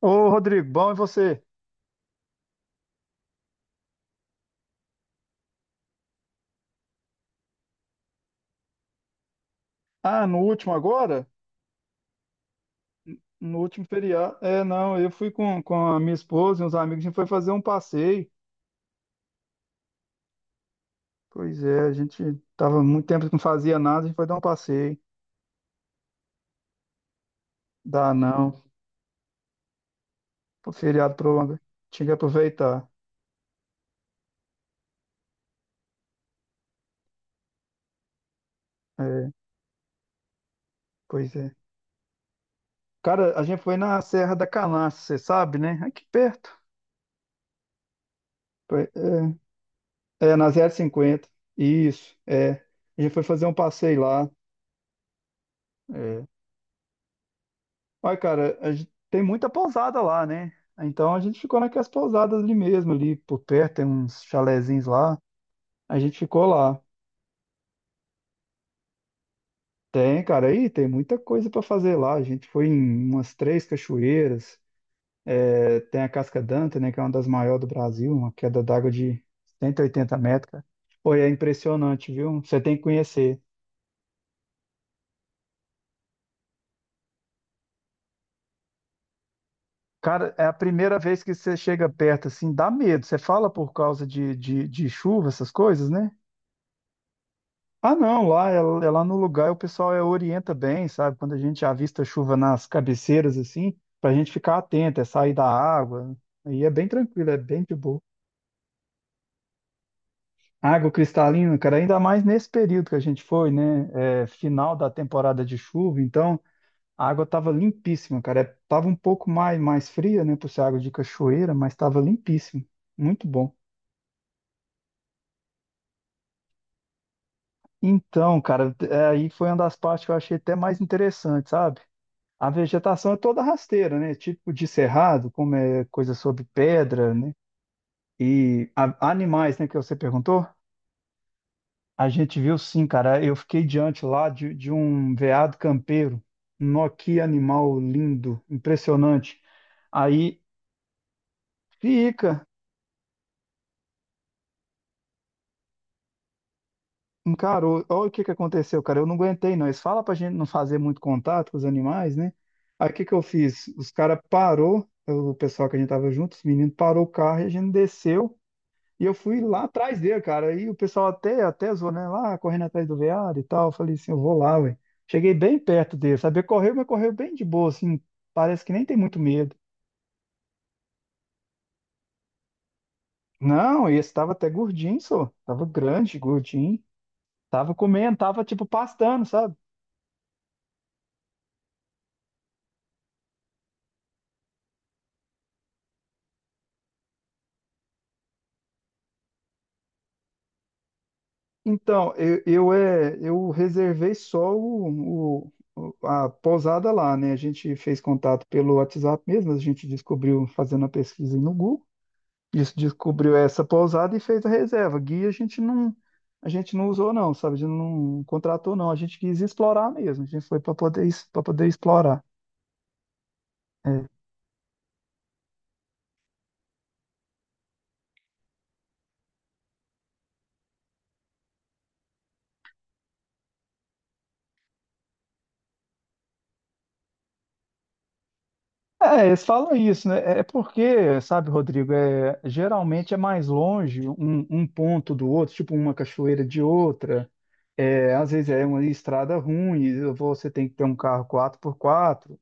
Ô, Rodrigo, bom e você? Ah, no último agora? No último feriado. É, não, eu fui com a minha esposa e uns amigos, a gente foi fazer um passeio. Pois é, a gente tava muito tempo que não fazia nada, a gente foi dar um passeio. Dá não. O feriado prolongado. Tinha que aproveitar. É, pois é. Cara, a gente foi na Serra da Canastra, você sabe, né? Aqui perto. Foi- é, na 050. Isso, é. A gente foi fazer um passeio lá. É. Olha, cara, a gente tem muita pousada lá, né? Então a gente ficou naquelas pousadas ali mesmo, ali por perto, tem uns chalezinhos lá. A gente ficou lá. Tem, cara, aí tem muita coisa pra fazer lá. A gente foi em umas três cachoeiras. É, tem a Casca Danta, né, que é uma das maiores do Brasil, uma queda d'água de 180 metros, cara. Pô, e é impressionante, viu? Você tem que conhecer. Cara, é a primeira vez que você chega perto, assim, dá medo. Você fala por causa de chuva, essas coisas, né? Ah, não, lá, é lá no lugar o pessoal é, orienta bem, sabe? Quando a gente avista chuva nas cabeceiras, assim, pra gente ficar atento, é sair da água. Aí é bem tranquilo, é bem de boa. Água cristalina, cara, ainda mais nesse período que a gente foi, né? É, final da temporada de chuva, então a água tava limpíssima, cara. É, tava um pouco mais fria, né? Por ser água de cachoeira, mas tava limpíssima. Muito bom. Então, cara, é, aí foi uma das partes que eu achei até mais interessante, sabe? A vegetação é toda rasteira, né? Tipo de cerrado, como é coisa sobre pedra, né? E animais, né, que você perguntou? A gente viu sim, cara. Eu fiquei diante lá de um veado campeiro. Nó, que animal lindo, impressionante. Aí fica, encarou. Olha o que que aconteceu, cara. Eu não aguentei, não. Eles falam pra gente não fazer muito contato com os animais, né? Aí o que que eu fiz? Os caras parou, o pessoal que a gente tava junto, os meninos parou o carro e a gente desceu. E eu fui lá atrás dele, cara. E o pessoal até zoou, né? Lá correndo atrás do veado e tal. Eu falei assim, eu vou lá, ué. Cheguei bem perto dele, sabia? Correu, mas correu bem de boa, assim. Parece que nem tem muito medo. Não, esse tava até gordinho, só. Tava grande, gordinho. Tava comendo, tava tipo pastando, sabe? Então, eu, é, eu reservei só a pousada lá, né? A gente fez contato pelo WhatsApp mesmo, a gente descobriu fazendo a pesquisa no Google. Isso descobriu essa pousada e fez a reserva. Guia a gente não usou não, sabe? A gente não contratou não. A gente quis explorar mesmo. A gente foi para poder explorar. É, é, eles falam isso, né? É porque, sabe, Rodrigo, é, geralmente é mais longe um ponto do outro, tipo uma cachoeira de outra. É, às vezes é uma estrada ruim, você tem que ter um carro 4x4.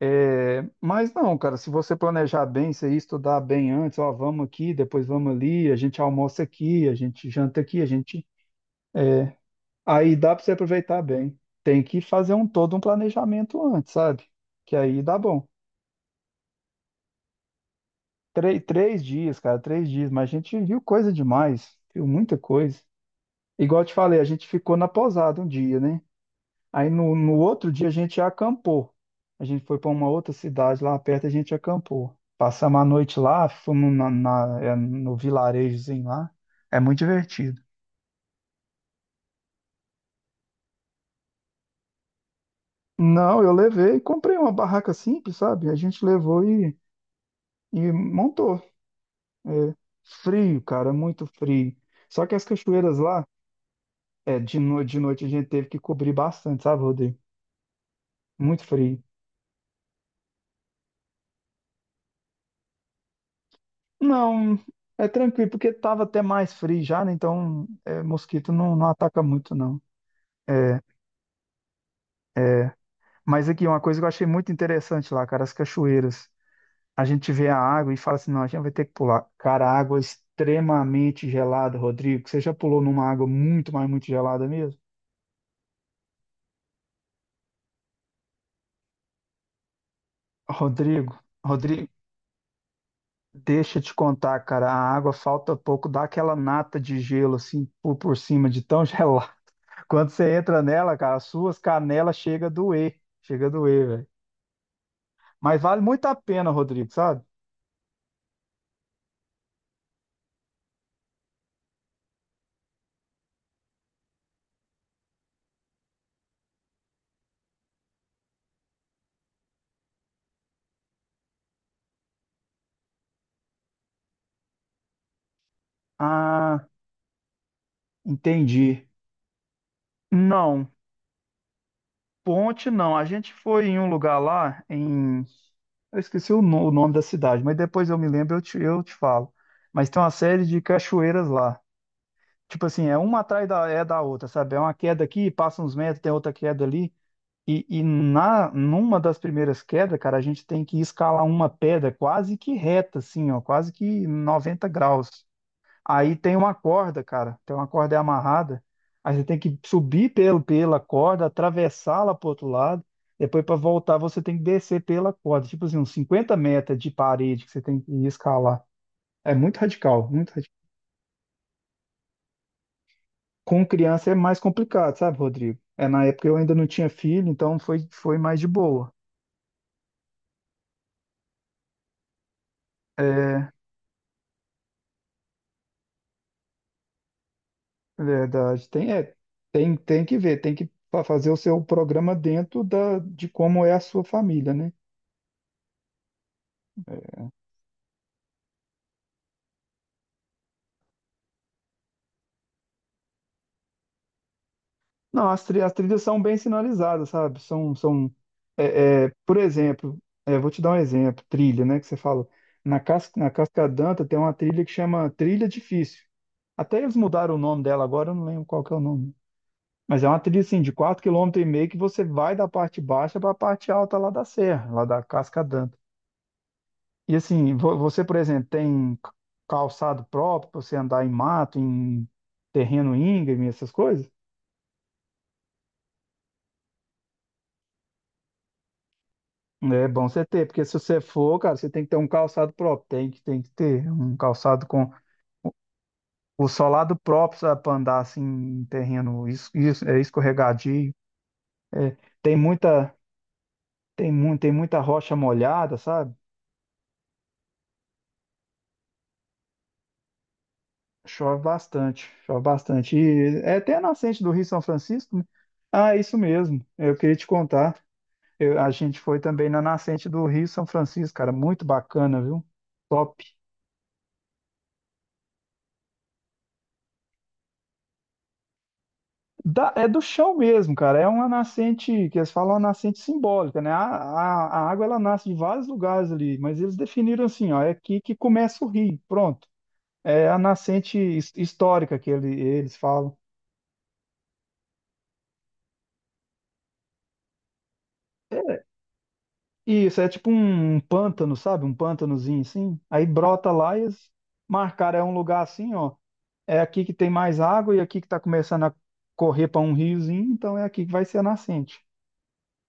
É, mas não, cara, se você planejar bem, se estudar bem antes, ó, vamos aqui, depois vamos ali, a gente almoça aqui, a gente janta aqui, a gente. Aí dá para você aproveitar bem. Tem que fazer um todo um planejamento antes, sabe? Que aí dá bom. Três dias, cara, 3 dias, mas a gente viu coisa demais, viu muita coisa. Igual eu te falei, a gente ficou na pousada um dia, né? Aí no outro dia a gente acampou. A gente foi para uma outra cidade lá perto, a gente acampou. Passamos a noite lá, fomos na, no vilarejozinho lá. É muito divertido. Não, eu levei, comprei uma barraca simples, sabe? A gente levou e montou. É, frio, cara, muito frio. Só que as cachoeiras lá, é, de, no, de noite a gente teve que cobrir bastante, sabe, Rodrigo? Muito frio. Não, é tranquilo, porque estava até mais frio já, né? Então, é, mosquito não ataca muito, não. É, mas aqui, uma coisa que eu achei muito interessante lá, cara, as cachoeiras. A gente vê a água e fala assim, não, a gente vai ter que pular. Cara, a água é extremamente gelada, Rodrigo. Você já pulou numa água muito, mas muito gelada mesmo? Rodrigo, Rodrigo, deixa eu te contar, cara, a água falta pouco, dá aquela nata de gelo, assim, por cima de tão gelada. Quando você entra nela, cara, as suas canelas chega a doer. Chega a doer, velho. Mas vale muito a pena, Rodrigo, sabe? Ah, entendi. Não, ponte não. A gente foi em um lugar lá em. Eu esqueci o, o nome da cidade, mas depois eu me lembro, eu te falo. Mas tem uma série de cachoeiras lá. Tipo assim, é uma atrás da outra, sabe? É uma queda aqui, passa uns metros, tem outra queda ali. E numa das primeiras quedas, cara, a gente tem que escalar uma pedra quase que reta, assim, ó, quase que 90 graus. Aí tem uma corda, cara, tem uma corda amarrada. Aí você tem que subir pela corda, atravessá-la pro outro lado. Depois, para voltar, você tem que descer pela corda. Tipo assim, uns 50 metros de parede que você tem que escalar. É muito radical, muito radical. Com criança é mais complicado, sabe, Rodrigo? É, na época eu ainda não tinha filho, então foi mais de boa. É, verdade. Tem que ver, tem que fazer o seu programa dentro de como é a sua família, né? Não, as trilhas são bem sinalizadas, sabe? São é, é, por exemplo, é, vou te dar um exemplo, trilha, né? Que você fala. Na Cascadanta tem uma trilha que chama Trilha Difícil. Até eles mudaram o nome dela agora, eu não lembro qual que é o nome. Mas é uma trilha assim, de 4,5 km que você vai da parte baixa para a parte alta lá da serra, lá da Cascadanta. E assim, você, por exemplo, tem calçado próprio para você andar em mato, em terreno íngreme, essas coisas? É bom você ter, porque se você for, cara, você tem que ter um calçado próprio, tem que ter um calçado com o solado próprio, sabe, para andar assim em terreno escorregadio. É, tem muita, tem muita rocha molhada, sabe? Chove bastante, chove bastante. E é até a nascente do Rio São Francisco, né? Ah, isso mesmo, eu queria te contar. A gente foi também na nascente do Rio São Francisco, cara, muito bacana, viu? Top. É do chão mesmo, cara. É uma nascente, que eles falam uma nascente simbólica, né? A água ela nasce de vários lugares ali, mas eles definiram assim, ó, é aqui que começa o rio, pronto. É a nascente histórica que eles falam. É isso, é tipo um pântano, sabe? Um pântanozinho assim. Aí brota lá e eles marcaram, é um lugar assim, ó. É aqui que tem mais água e aqui que está começando a correr para um riozinho, então é aqui que vai ser a nascente.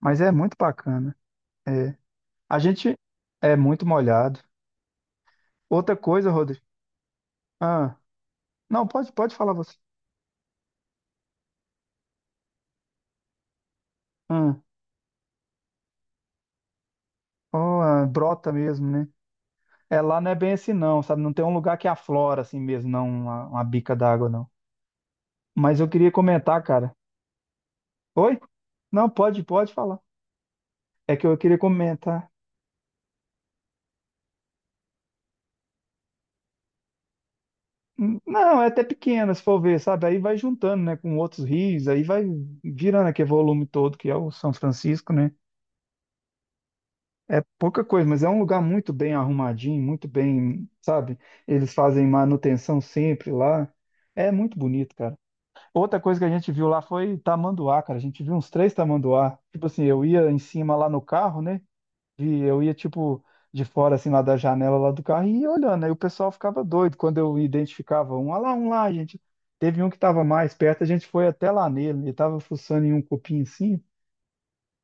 Mas é muito bacana. A gente é muito molhado. Outra coisa, Rodrigo. Ah, não, pode, pode falar você. Ah, oh, ah, brota mesmo, né? É, lá não é bem assim não, sabe? Não tem um lugar que aflora assim mesmo, não, uma bica d'água, não. Mas eu queria comentar, cara. Oi? Não, pode, pode falar. É que eu queria comentar. Não, é até pequena, se for ver, sabe? Aí vai juntando, né, com outros rios, aí vai virando aquele volume todo que é o São Francisco, né? É pouca coisa, mas é um lugar muito bem arrumadinho, muito bem, sabe? Eles fazem manutenção sempre lá. É muito bonito, cara. Outra coisa que a gente viu lá foi tamanduá, cara. A gente viu uns três tamanduá. Tipo assim, eu ia em cima lá no carro, né? E eu ia, tipo, de fora, assim, lá da janela lá do carro e ia olhando. Aí o pessoal ficava doido quando eu identificava um. Olha lá, um lá, gente. Teve um que tava mais perto, a gente foi até lá nele. Ele tava fuçando em um cupim assim.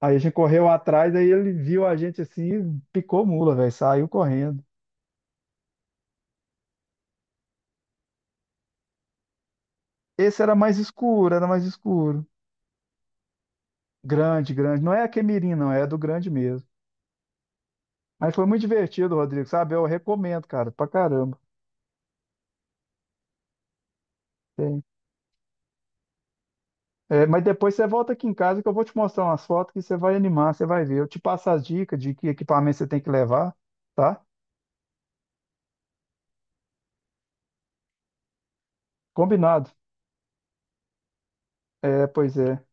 Aí a gente correu atrás, aí ele viu a gente assim, e picou mula, velho, saiu correndo. Esse era mais escuro, era mais escuro. Grande, grande. Não é a Quemirim, não, é a do grande mesmo. Mas foi muito divertido, Rodrigo, sabe? Eu recomendo, cara, pra caramba. É, mas depois você volta aqui em casa que eu vou te mostrar umas fotos que você vai animar, você vai ver. Eu te passo as dicas de que equipamento você tem que levar, tá? Combinado. É, pois é.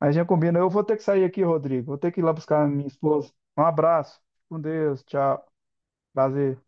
Mas já combina. Eu vou ter que sair aqui, Rodrigo. Vou ter que ir lá buscar a minha esposa. Um abraço. Fique com Deus. Tchau. Prazer.